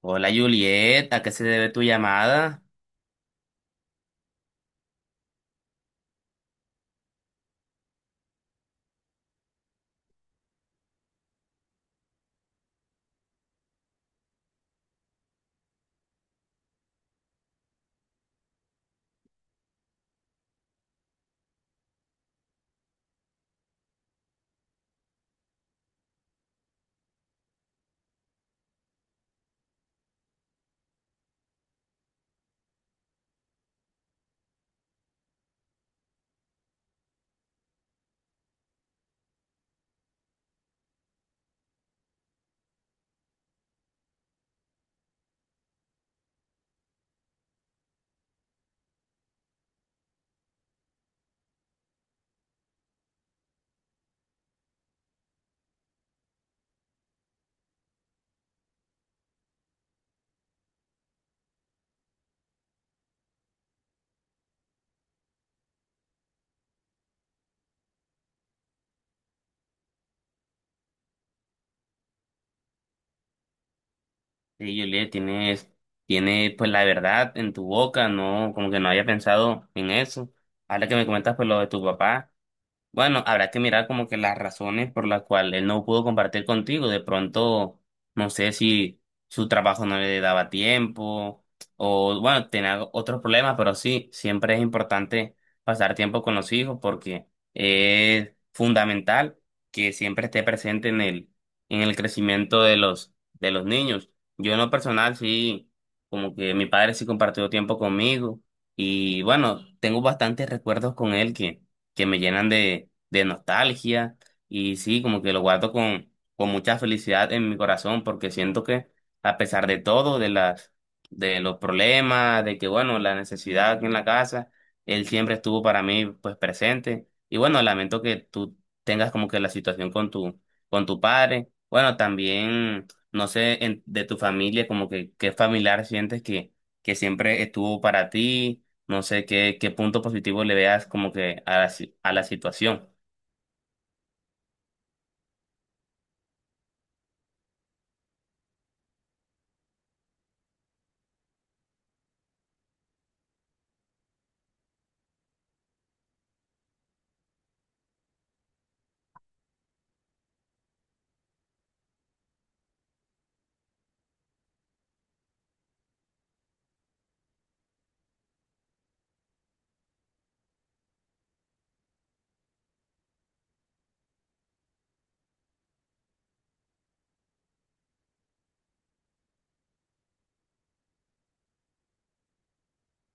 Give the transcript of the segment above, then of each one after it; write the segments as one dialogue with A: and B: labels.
A: Hola Juliet, ¿a qué se debe tu llamada? Sí, Juliet, tiene pues la verdad en tu boca, no, como que no había pensado en eso. Ahora que me comentas pues lo de tu papá. Bueno, habrá que mirar como que las razones por las cuales él no pudo compartir contigo. De pronto, no sé si su trabajo no le daba tiempo o, bueno, tenía otros problemas, pero sí, siempre es importante pasar tiempo con los hijos porque es fundamental que siempre esté presente en el crecimiento de de los niños. Yo en lo personal sí, como que mi padre sí compartió tiempo conmigo y, bueno, tengo bastantes recuerdos con él que me llenan de nostalgia y sí, como que lo guardo con mucha felicidad en mi corazón porque siento que a pesar de todo, de los problemas, de que bueno, la necesidad aquí en la casa, él siempre estuvo para mí pues presente y bueno, lamento que tú tengas como que la situación con con tu padre. Bueno, también, no sé, de tu familia, como que qué familiar sientes que siempre estuvo para ti, no sé qué punto positivo le veas como que a la, si- a la situación.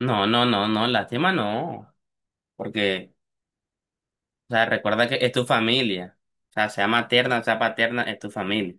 A: No, no, no, no, lástima no. Porque, o sea, recuerda que es tu familia. O sea, sea materna, sea paterna, es tu familia.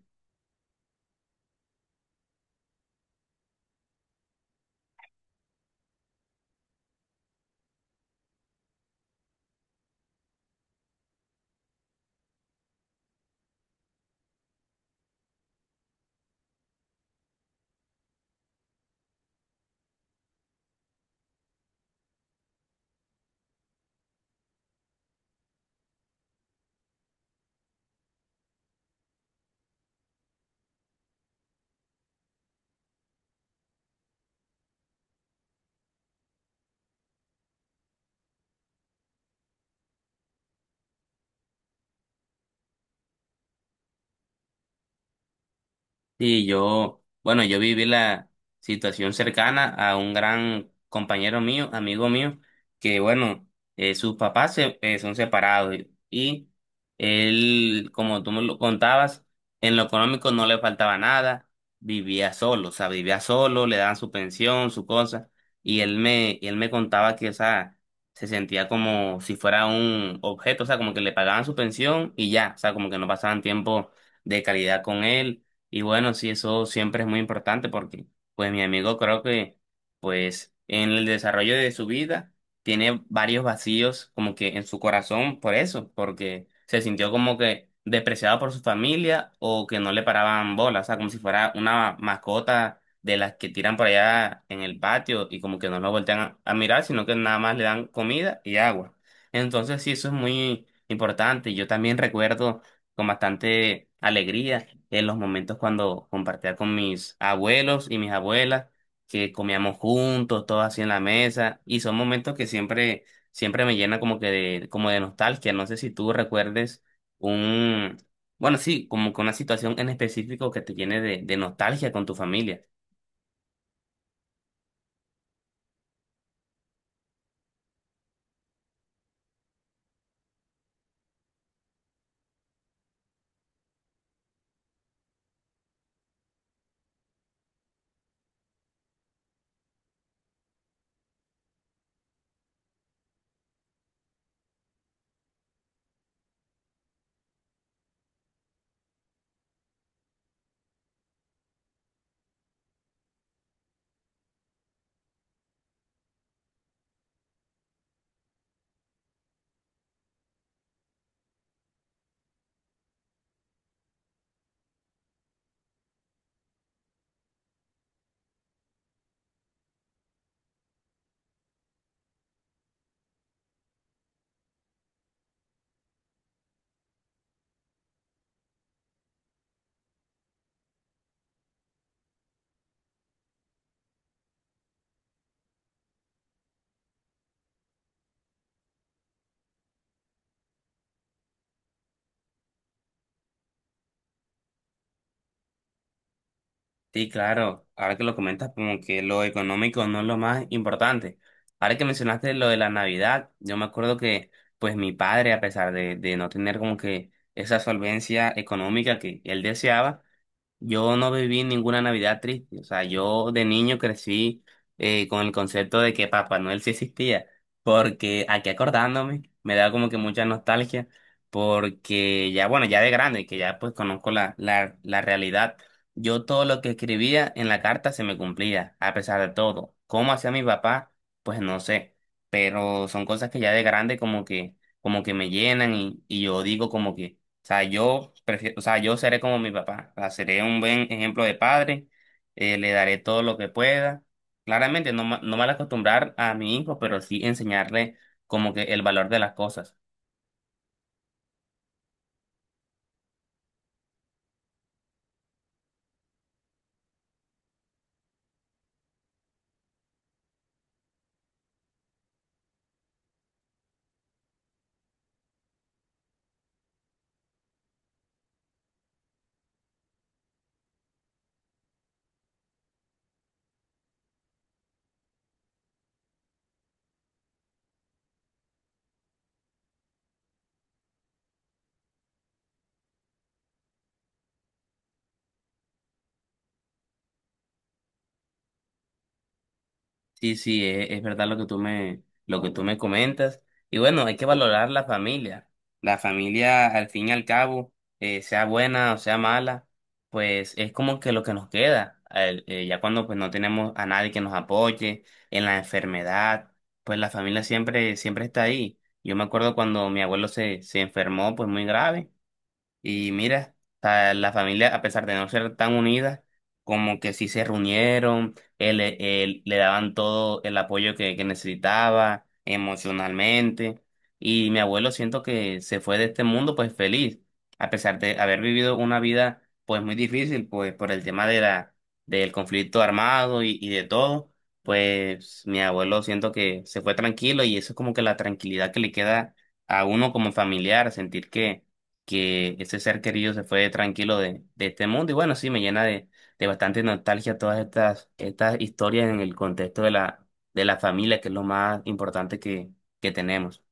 A: Sí, yo, bueno, yo viví la situación cercana a un gran compañero mío, amigo mío, que bueno, sus papás son separados y él, como tú me lo contabas, en lo económico no le faltaba nada, vivía solo, o sea, vivía solo, le daban su pensión, su cosa, y él me contaba que, o sea, se sentía como si fuera un objeto, o sea, como que le pagaban su pensión y ya, o sea, como que no pasaban tiempo de calidad con él y bueno, sí, eso siempre es muy importante porque, pues, mi amigo pues, en el desarrollo de su vida tiene varios vacíos como que en su corazón por eso, porque se sintió como que despreciado por su familia o que no le paraban bolas, o sea, como si fuera una mascota de las que tiran por allá en el patio y como que no lo voltean a mirar, sino que nada más le dan comida y agua. Entonces, sí, eso es muy importante. Yo también recuerdo con bastante alegría en los momentos cuando compartía con mis abuelos y mis abuelas, que comíamos juntos, todos así en la mesa, y son momentos que siempre me llena como que como de nostalgia. No sé si tú recuerdes un, bueno, sí, como que una situación en específico que te llene de nostalgia con tu familia. Sí, claro, ahora que lo comentas, como que lo económico no es lo más importante. Ahora que mencionaste lo de la Navidad, yo me acuerdo que pues mi padre, a pesar de no tener como que esa solvencia económica que él deseaba, yo no viví ninguna Navidad triste, o sea, yo de niño crecí con el concepto de que Papá Noel sí existía, porque aquí acordándome me da como que mucha nostalgia, porque ya, bueno, ya de grande, que ya pues conozco la realidad, yo todo lo que escribía en la carta se me cumplía, a pesar de todo. ¿Cómo hacía mi papá? Pues no sé, pero son cosas que ya de grande como que me llenan y yo digo como que... O sea, yo prefiero, o sea, yo seré como mi papá. O sea, seré un buen ejemplo de padre. Le daré todo lo que pueda. Claramente, no mal acostumbrar a mi hijo, pero sí enseñarle como que el valor de las cosas. Sí, sí, es verdad lo que lo que tú me comentas. Y bueno, hay que valorar la familia. La familia, al fin y al cabo, sea buena o sea mala, pues es como que lo que nos queda. Ya cuando pues no tenemos a nadie que nos apoye en la enfermedad, pues la familia siempre está ahí. Yo me acuerdo cuando mi abuelo se enfermó, pues muy grave. Y mira, a la familia, a pesar de no ser tan unida, como que sí se reunieron, le daban todo el apoyo que necesitaba emocionalmente. Y mi abuelo siento que se fue de este mundo pues feliz, a pesar de haber vivido una vida pues muy difícil, pues por el tema de del conflicto armado y de todo, pues mi abuelo siento que se fue tranquilo y eso es como que la tranquilidad que le queda a uno como familiar, sentir que ese ser querido se fue tranquilo de este mundo. Y bueno, sí, me llena de bastante nostalgia todas estas historias en el contexto de de la familia, que es lo más importante que tenemos.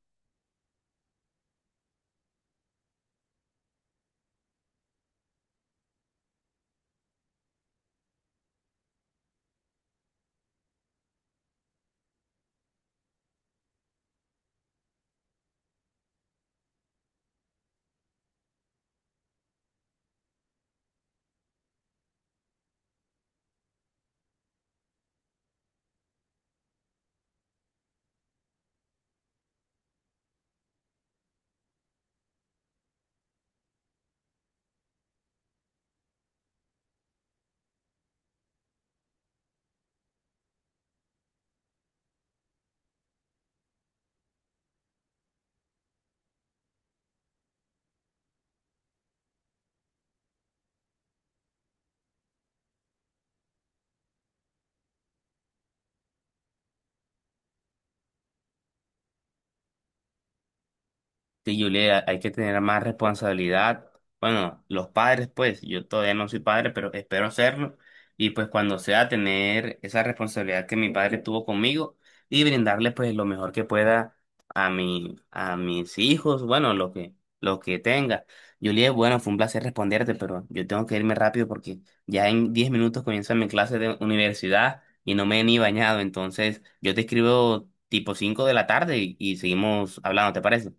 A: Sí, Julia, hay que tener más responsabilidad. Bueno, los padres, pues, yo todavía no soy padre, pero espero serlo. Y pues cuando sea, tener esa responsabilidad que mi padre tuvo conmigo y brindarle pues lo mejor que pueda a a mis hijos, bueno, lo que tenga. Julia, bueno, fue un placer responderte, pero yo tengo que irme rápido porque ya en 10 minutos comienza mi clase de universidad y no me he ni bañado. Entonces, yo te escribo tipo 5 de la tarde y seguimos hablando, ¿te parece?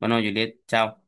A: Bueno, Juliet, chao.